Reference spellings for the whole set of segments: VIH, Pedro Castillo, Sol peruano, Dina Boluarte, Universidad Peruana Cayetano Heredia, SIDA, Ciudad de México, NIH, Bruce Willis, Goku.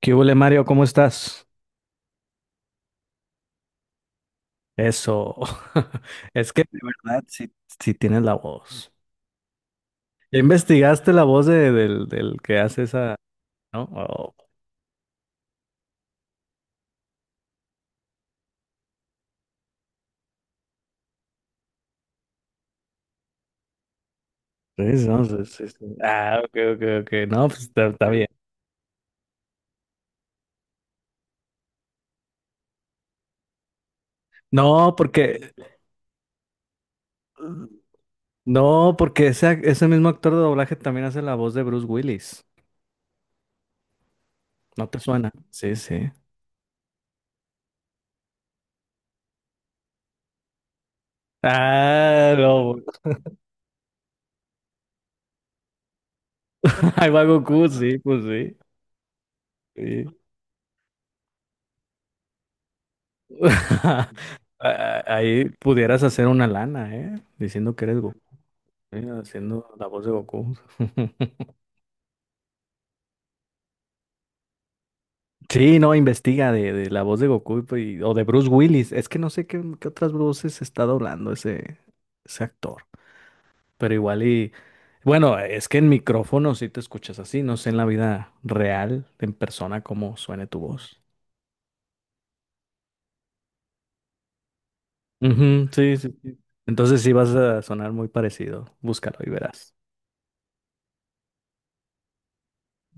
¿Qué hubo, Mario? ¿Cómo estás? Eso. Es que de verdad sí, sí tienes la voz. ¿Ya investigaste la voz del que hace esa? ¿No? Oh, sí, no, sí, sí, sí. Ah, ok, ok, ok. No, pues está bien. No, porque, no, porque ese mismo actor de doblaje también hace la voz de Bruce Willis. ¿No te suena? Sí, sí. Ah, no. Ahí va Goku, sí, pues sí. Sí. Ah, ahí pudieras hacer una lana, ¿eh? Diciendo que eres Goku. Mira, haciendo la voz de Goku. Sí, no, investiga de la voz de Goku y pues, o de Bruce Willis. Es que no sé qué otras voces está doblando ese actor. Pero igual y. Bueno, es que en micrófono sí te escuchas así. No sé en la vida real, en persona, cómo suene tu voz. Ujú, sí, sí, sí. Entonces sí vas a sonar muy parecido. Búscalo y verás.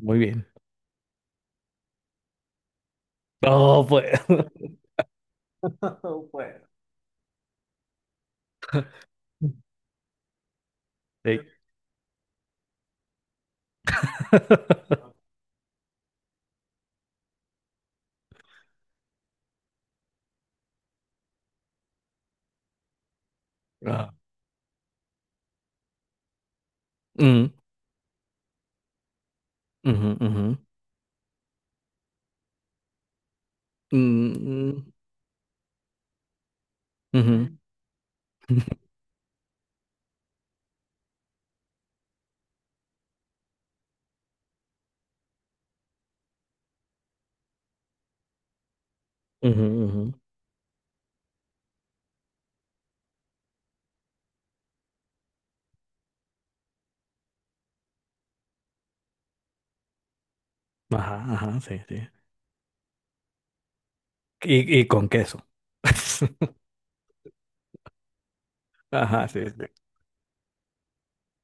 Muy bien. Oh, pues. No, pues. Sí. Ah. Mm, ujú, ujú. Mm, ujú, Mm. Ujú, ujú. Ajá, ajá, sí, sí. Y con queso. Ajá, sí, sí.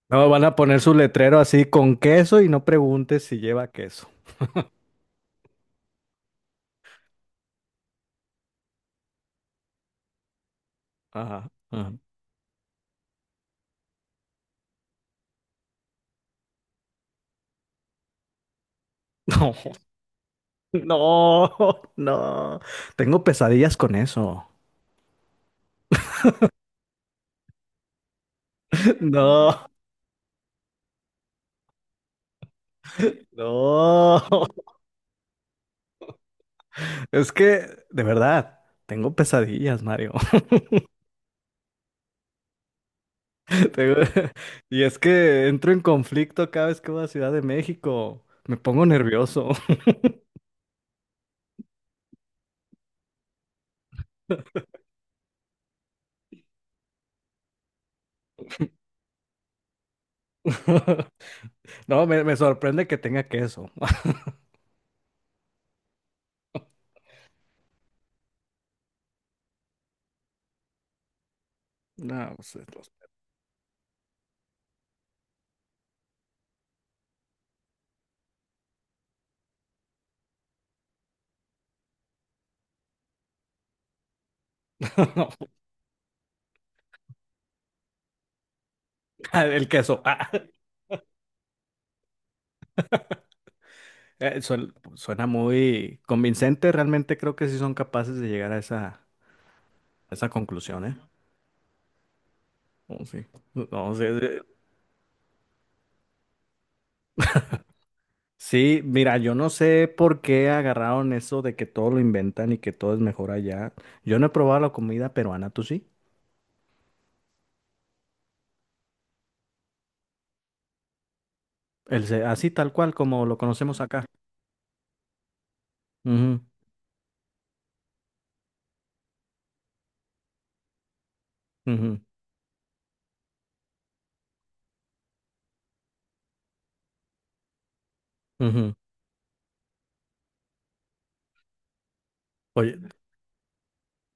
No, van a poner su letrero así con queso y no preguntes si lleva queso. Ajá, ajá. No, no, no. Tengo pesadillas con eso. No, no. Es que, de verdad, tengo pesadillas, Mario. Tengo- Y es que entro en conflicto cada vez que voy a Ciudad de México. Me pongo nervioso. No, me sorprende que tenga queso. No, pues, no, el queso. Suena muy convincente. Realmente creo que sí son capaces de llegar a esa conclusión, ¿eh? Oh, sí. No, sí, sí. Sí, mira, yo no sé por qué agarraron eso de que todo lo inventan y que todo es mejor allá. Yo no he probado la comida peruana, ¿tú sí? Así tal cual como lo conocemos acá. Ujú, ujú, ujú. Oye,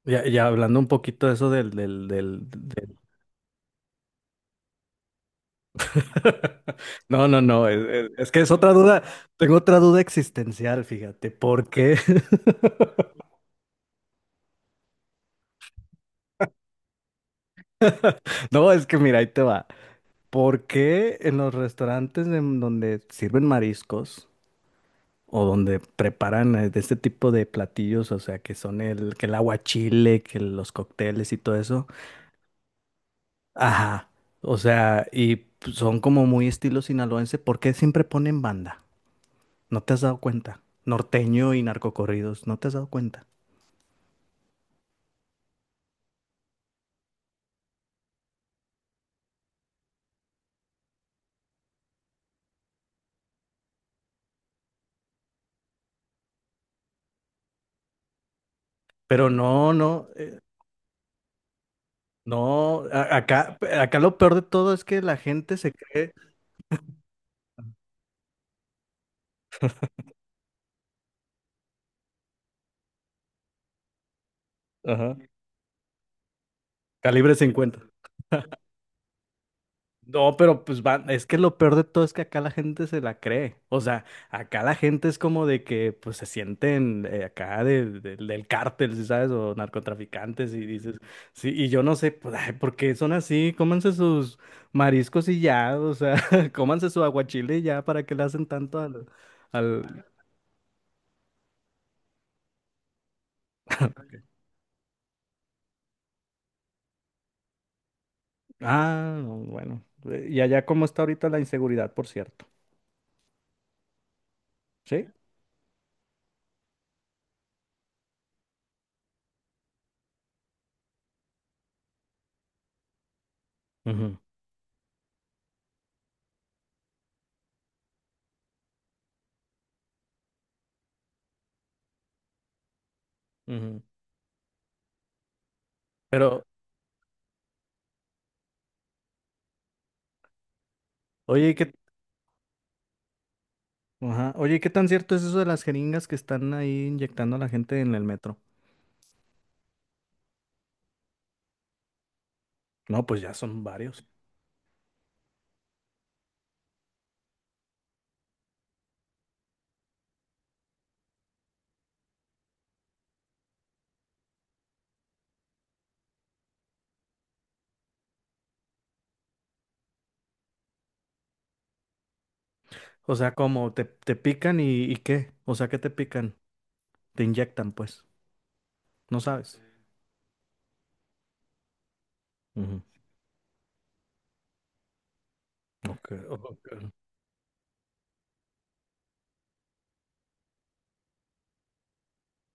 ya hablando un poquito de eso del No, es que es otra duda, tengo otra duda existencial, fíjate, ¿por qué? No, es que mira, ahí te va. ¿Por qué en los restaurantes en donde sirven mariscos o donde preparan de este tipo de platillos, o sea, que son que el aguachile, que los cócteles y todo eso? Ajá, o sea, y son como muy estilo sinaloense, ¿por qué siempre ponen banda? No te has dado cuenta. Norteño y narcocorridos, no te has dado cuenta. Pero no, no, no. Acá lo peor de todo es que la gente se cree. Ajá. Calibre 50. No, pero pues van, es que lo peor de todo es que acá la gente se la cree. O sea, acá la gente es como de que pues se sienten acá del cártel, ¿sí sabes? O narcotraficantes y dices, sí, y yo no sé, pues, ay, ¿por qué son así? Cómanse sus mariscos y ya, o sea, cómanse su aguachile y ya, ¿para qué le hacen tanto al? Ah, no, bueno. Y allá cómo está ahorita la inseguridad, por cierto. Sí. Ujú, ujú. Pero, oye, ¿qué? Ajá. Oye, ¿y qué tan cierto es eso de las jeringas que están ahí inyectando a la gente en el metro? No, pues ya son varios. O sea, como te pican y ¿qué? O sea, ¿qué te pican? Te inyectan, pues. No sabes. Ujú. Ok, ok.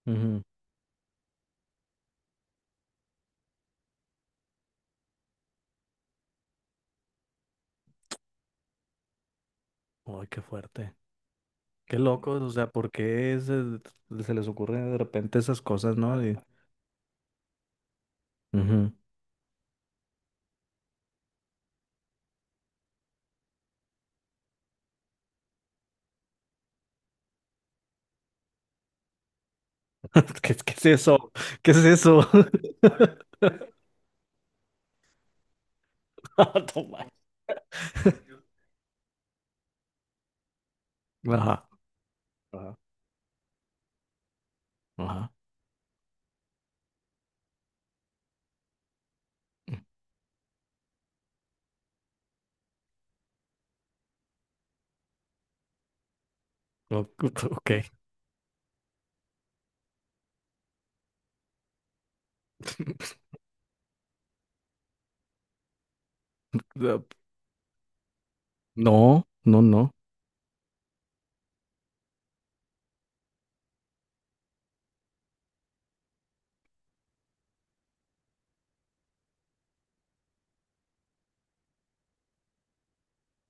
Ujú. Ay, qué fuerte. Qué loco, o sea, ¿por qué se les ocurre de repente esas cosas, ¿no? Ujú. ¿Qué es eso? ¿Qué es eso? Ah, toma. Ajá. Ajá. Ajá. O- Ok. No, no, no.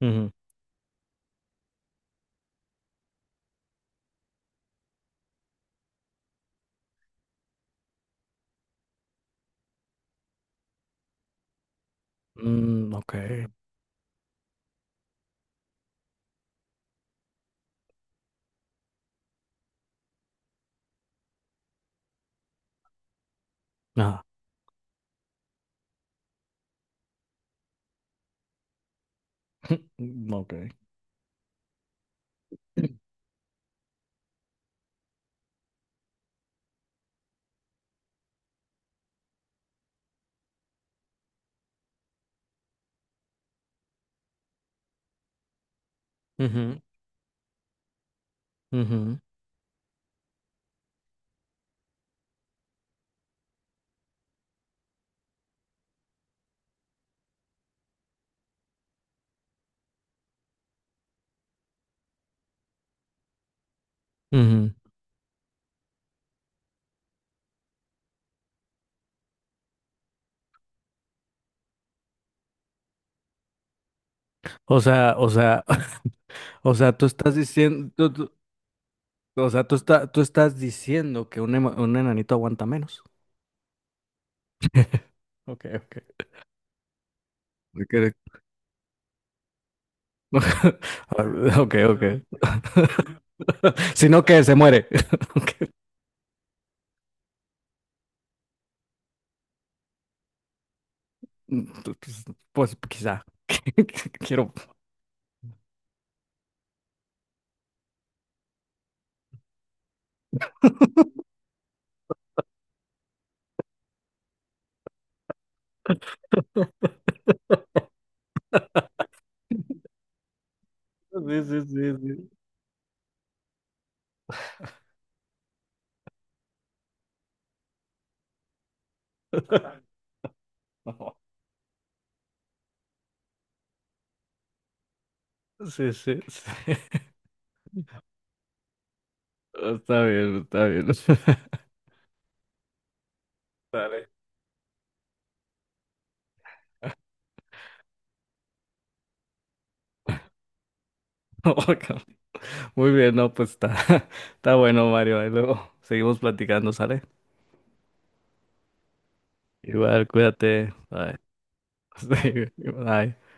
Ujú. Mm, ok. Ah, mm, ok. Ujú, ujú, ujú. O sea, o sea, tú estás diciendo, o sea, tú, tú estás diciendo que un enanito aguanta menos. Ok, ok. De que- A ver, ok, ok. Sino que se muere. Ok. Mm, pues quizá. Quiero. Sí, sí, sí, sí. No. Sí, sí, sí. Está bien, está bien. Dale. Muy bien, no, pues está, está bueno, Mario. Ahí luego seguimos platicando, ¿sale? Igual, cuídate. Bye. Sí, bye.